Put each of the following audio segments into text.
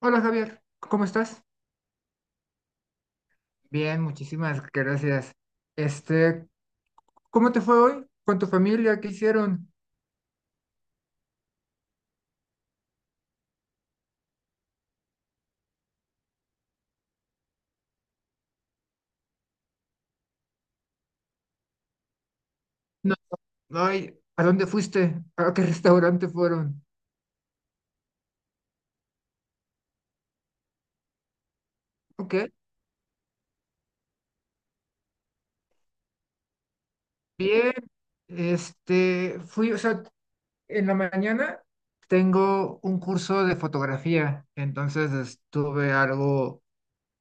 Hola Javier, ¿cómo estás? Bien, muchísimas gracias. Este, ¿Cómo te fue hoy con tu familia? ¿Qué hicieron? No, ay, ¿a dónde fuiste? ¿A qué restaurante fueron? Ok, bien. O sea, en la mañana tengo un curso de fotografía, entonces estuve algo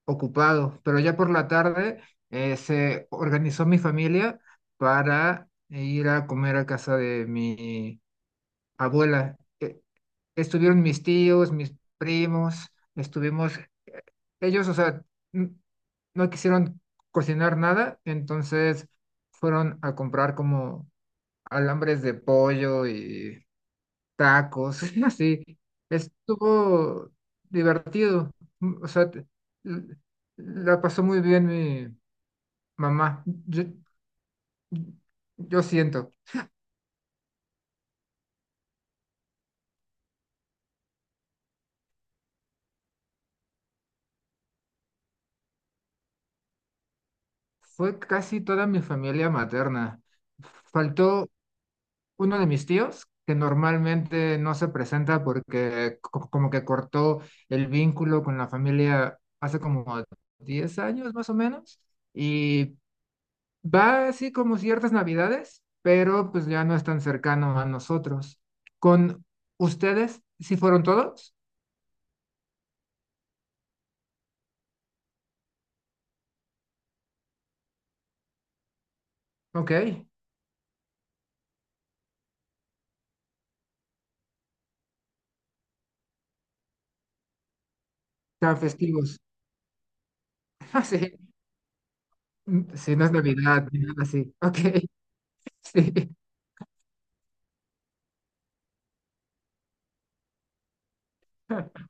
ocupado, pero ya por la tarde se organizó mi familia para ir a comer a casa de mi abuela. Estuvieron mis tíos, mis primos, estuvimos, eh, ellos, o sea, n- no quisieron cocinar nada, entonces fueron a comprar como alambres de pollo y tacos, así. Estuvo divertido, o sea, l- la pasó muy bien mi mamá. Yo siento, fue casi toda mi familia materna. Faltó uno de mis tíos, que normalmente no se presenta porque como que cortó el vínculo con la familia hace como 10 años más o menos, y va así como ciertas navidades, pero pues ya no es tan cercano a nosotros. ¿Con ustedes si fueron todos? Ok, tan festivos. Ah, sí. Mm, sí, no es Navidad ni nada así. Ok, sí.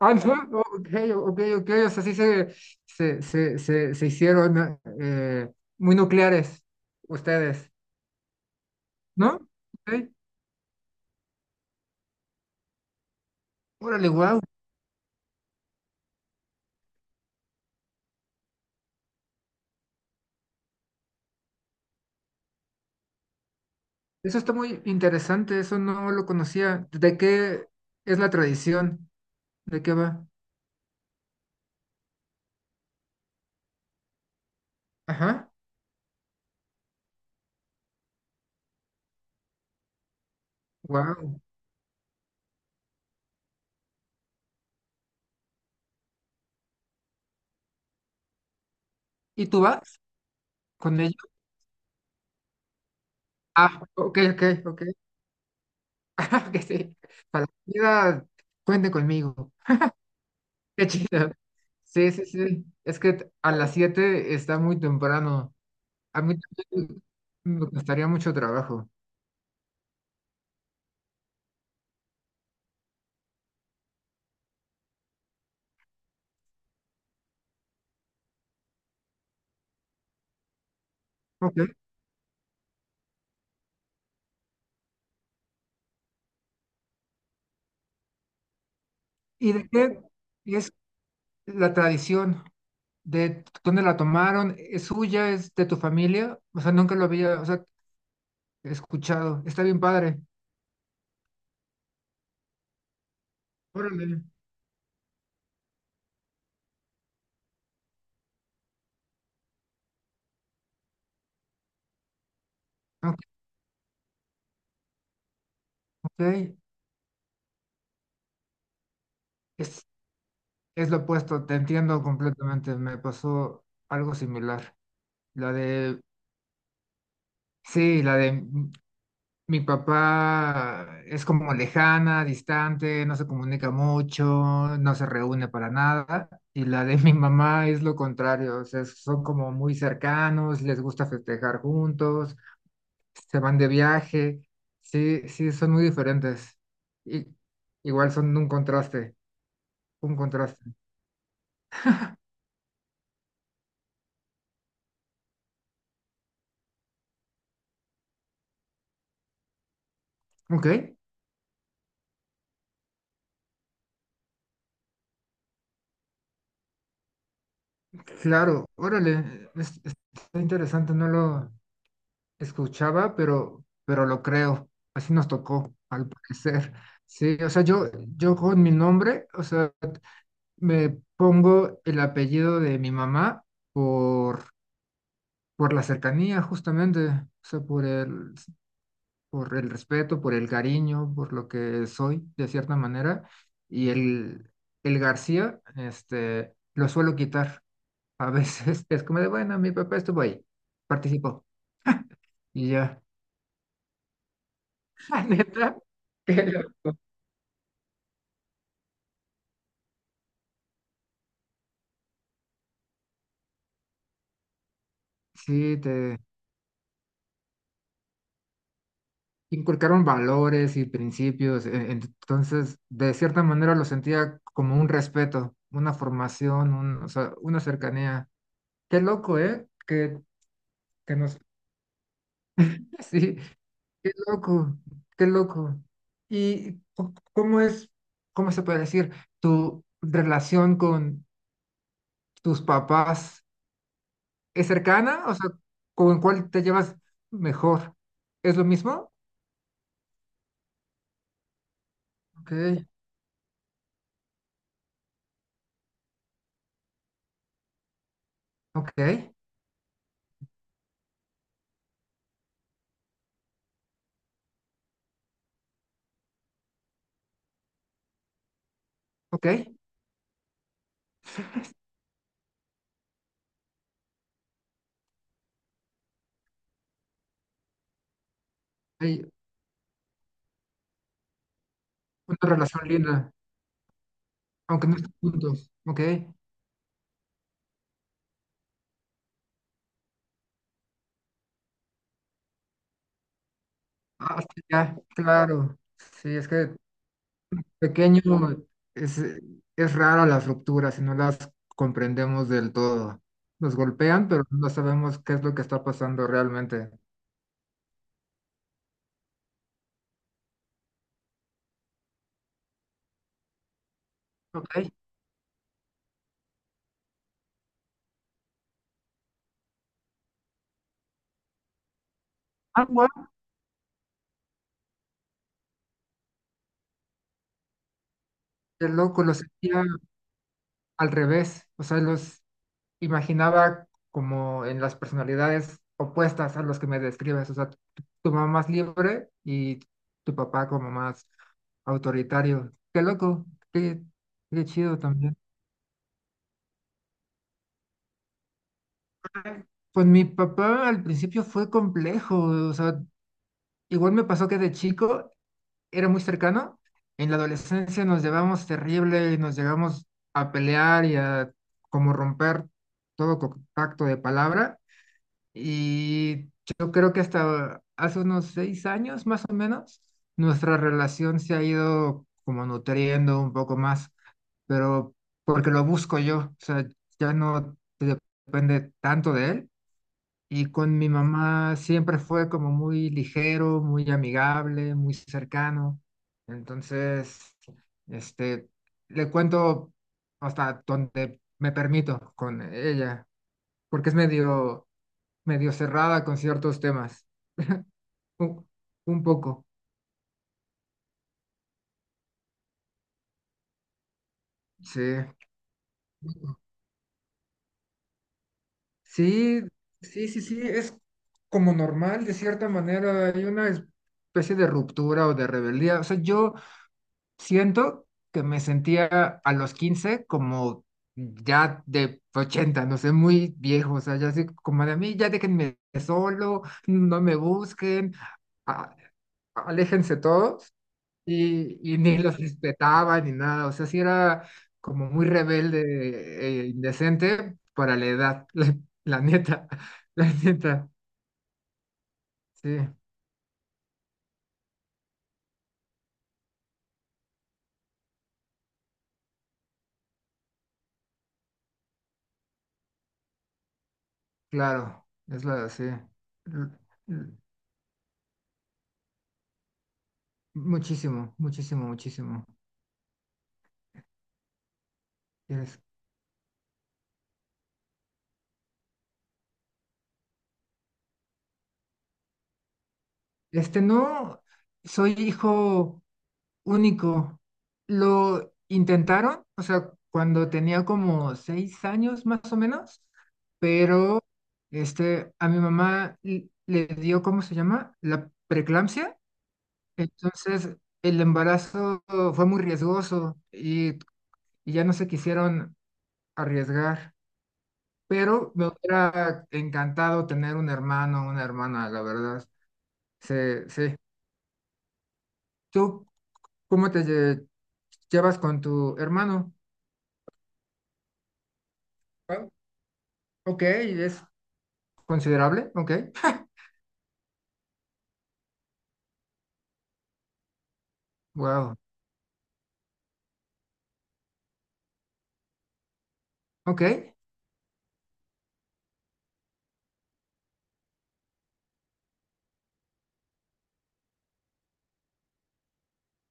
Ah, ok, ok, ok, o sea, sí se hicieron muy nucleares ustedes, ¿no? Ok, órale, wow, eso está muy interesante, eso no lo conocía. ¿De qué es la tradición? ¿De qué va? Ajá, wow. ¿Y tú vas con ellos? Ah, ok, ok, ok. Ah, que sí, para la comida, cuente conmigo. Qué chido. Sí, sí, sí, es que a las 7 está muy temprano. A mí también me costaría mucho trabajo. Ok. ¿Y de qué es la tradición? ¿De dónde la tomaron? ¿Es suya? ¿Es de tu familia? O sea, nunca lo había, o sea, escuchado. Está bien padre. Órale. Ok. Ok. Es, es lo opuesto, te entiendo completamente. Me pasó algo similar. La de, sí, la de mi papá es como lejana, distante, no se comunica mucho, no se reúne para nada. Y la de mi mamá es lo contrario, o sea, son como muy cercanos, les gusta festejar juntos, se van de viaje. Sí, sí, son muy diferentes. Y, igual son un contraste, un contraste. Ok, claro, órale, está interesante, no lo escuchaba, pero lo creo. Así nos tocó, al parecer. Sí, o sea, yo con mi nombre, o sea, me pongo el apellido de mi mamá por, por la cercanía, justamente. O sea, por el respeto, por el cariño, por lo que soy, de cierta manera. Y el García, lo suelo quitar. A veces es como de, bueno, mi papá estuvo ahí, participó. Y ya, la neta, qué loco. Sí, te inculcaron valores y principios, entonces de cierta manera lo sentía como un respeto, una formación, o sea, una cercanía. Qué loco, ¿eh? Que nos... Sí, qué loco, qué loco. ¿Y cómo es, cómo se puede decir, tu relación con tus papás es cercana? O sea, ¿con cuál te llevas mejor? ¿Es lo mismo? Ok, ok, ok. Ahí- Una relación linda, aunque no estén juntos, ¿ok? Ah, sí, ya, claro. Sí, es que pequeño es, es raro las rupturas y no las comprendemos del todo. Nos golpean, pero no sabemos qué es lo que está pasando realmente. Ok. Ah, bueno. El loco lo sentía al revés. O sea, imaginaba como en las personalidades opuestas a los que me describes, o sea, tu mamá más libre y tu papá como más autoritario. Qué loco, qué, qué chido también. Pues mi papá al principio fue complejo, o sea, igual me pasó que de chico era muy cercano, en la adolescencia nos llevamos terrible, nos llegamos a pelear y a como romper todo contacto de palabra. Y yo creo que hasta hace unos 6 años más o menos, nuestra relación se ha ido como nutriendo un poco más, pero porque lo busco yo, o sea, ya no depende tanto de él. Y con mi mamá siempre fue como muy ligero, muy amigable, muy cercano. Entonces, este, le cuento hasta donde me permito con ella, porque es medio cerrada con ciertos temas. Un, un poco. Sí. Sí, sí, sí, sí. Es como normal, de cierta manera. Hay una especie de ruptura o de rebeldía. O sea, yo siento que me sentía a los 15 como ya de 80, no sé, muy viejo. O sea, ya así como de a mí, ya déjenme solo, no me busquen, a- aléjense todos. Y ni los respetaba ni nada, o sea, sí era como muy rebelde e indecente para la edad, la neta, la neta, sí, claro, sí, l- muchísimo, muchísimo, muchísimo, Eres- Este, no, soy hijo único. Lo intentaron, o sea, cuando tenía como 6 años más o menos, pero a mi mamá le dio, ¿cómo se llama? La preeclampsia. Entonces, el embarazo fue muy riesgoso y ya no se quisieron arriesgar. Pero me hubiera encantado tener un hermano o una hermana, la verdad. Sí, sí. ¿Tú cómo te llevas con tu hermano? Ok, es considerable, ok. Wow, ok.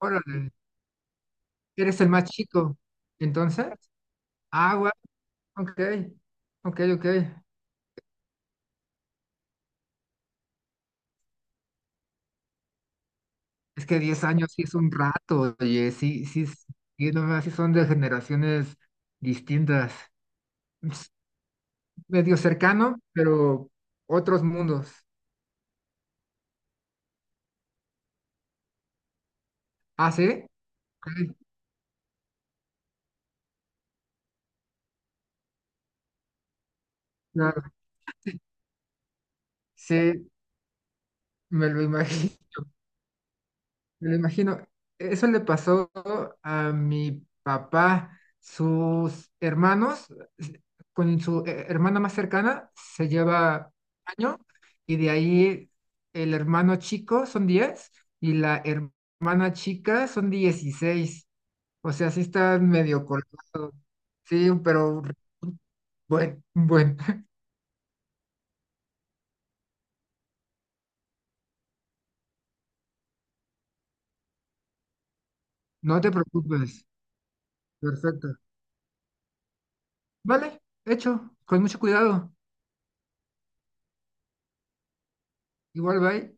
Órale, eres el más chico. Entonces, ah, wow, ok, ok, ok. Es que 10 años sí es un rato, oye, sí, sí, sí, no más, sí son de generaciones distintas. Es medio cercano, pero otros mundos. Ah, sí, ok, claro, sí, me lo imagino. Me lo imagino, eso le pasó a mi papá. Sus hermanos, s- con su hermana más cercana, se lleva año y de ahí el hermano chico son 10 y la hermana chica son 16. O sea, sí están medio cortos. Sí, pero bueno, bueno, no te preocupes. Perfecto. Vale, hecho, con mucho cuidado. Igual, bye.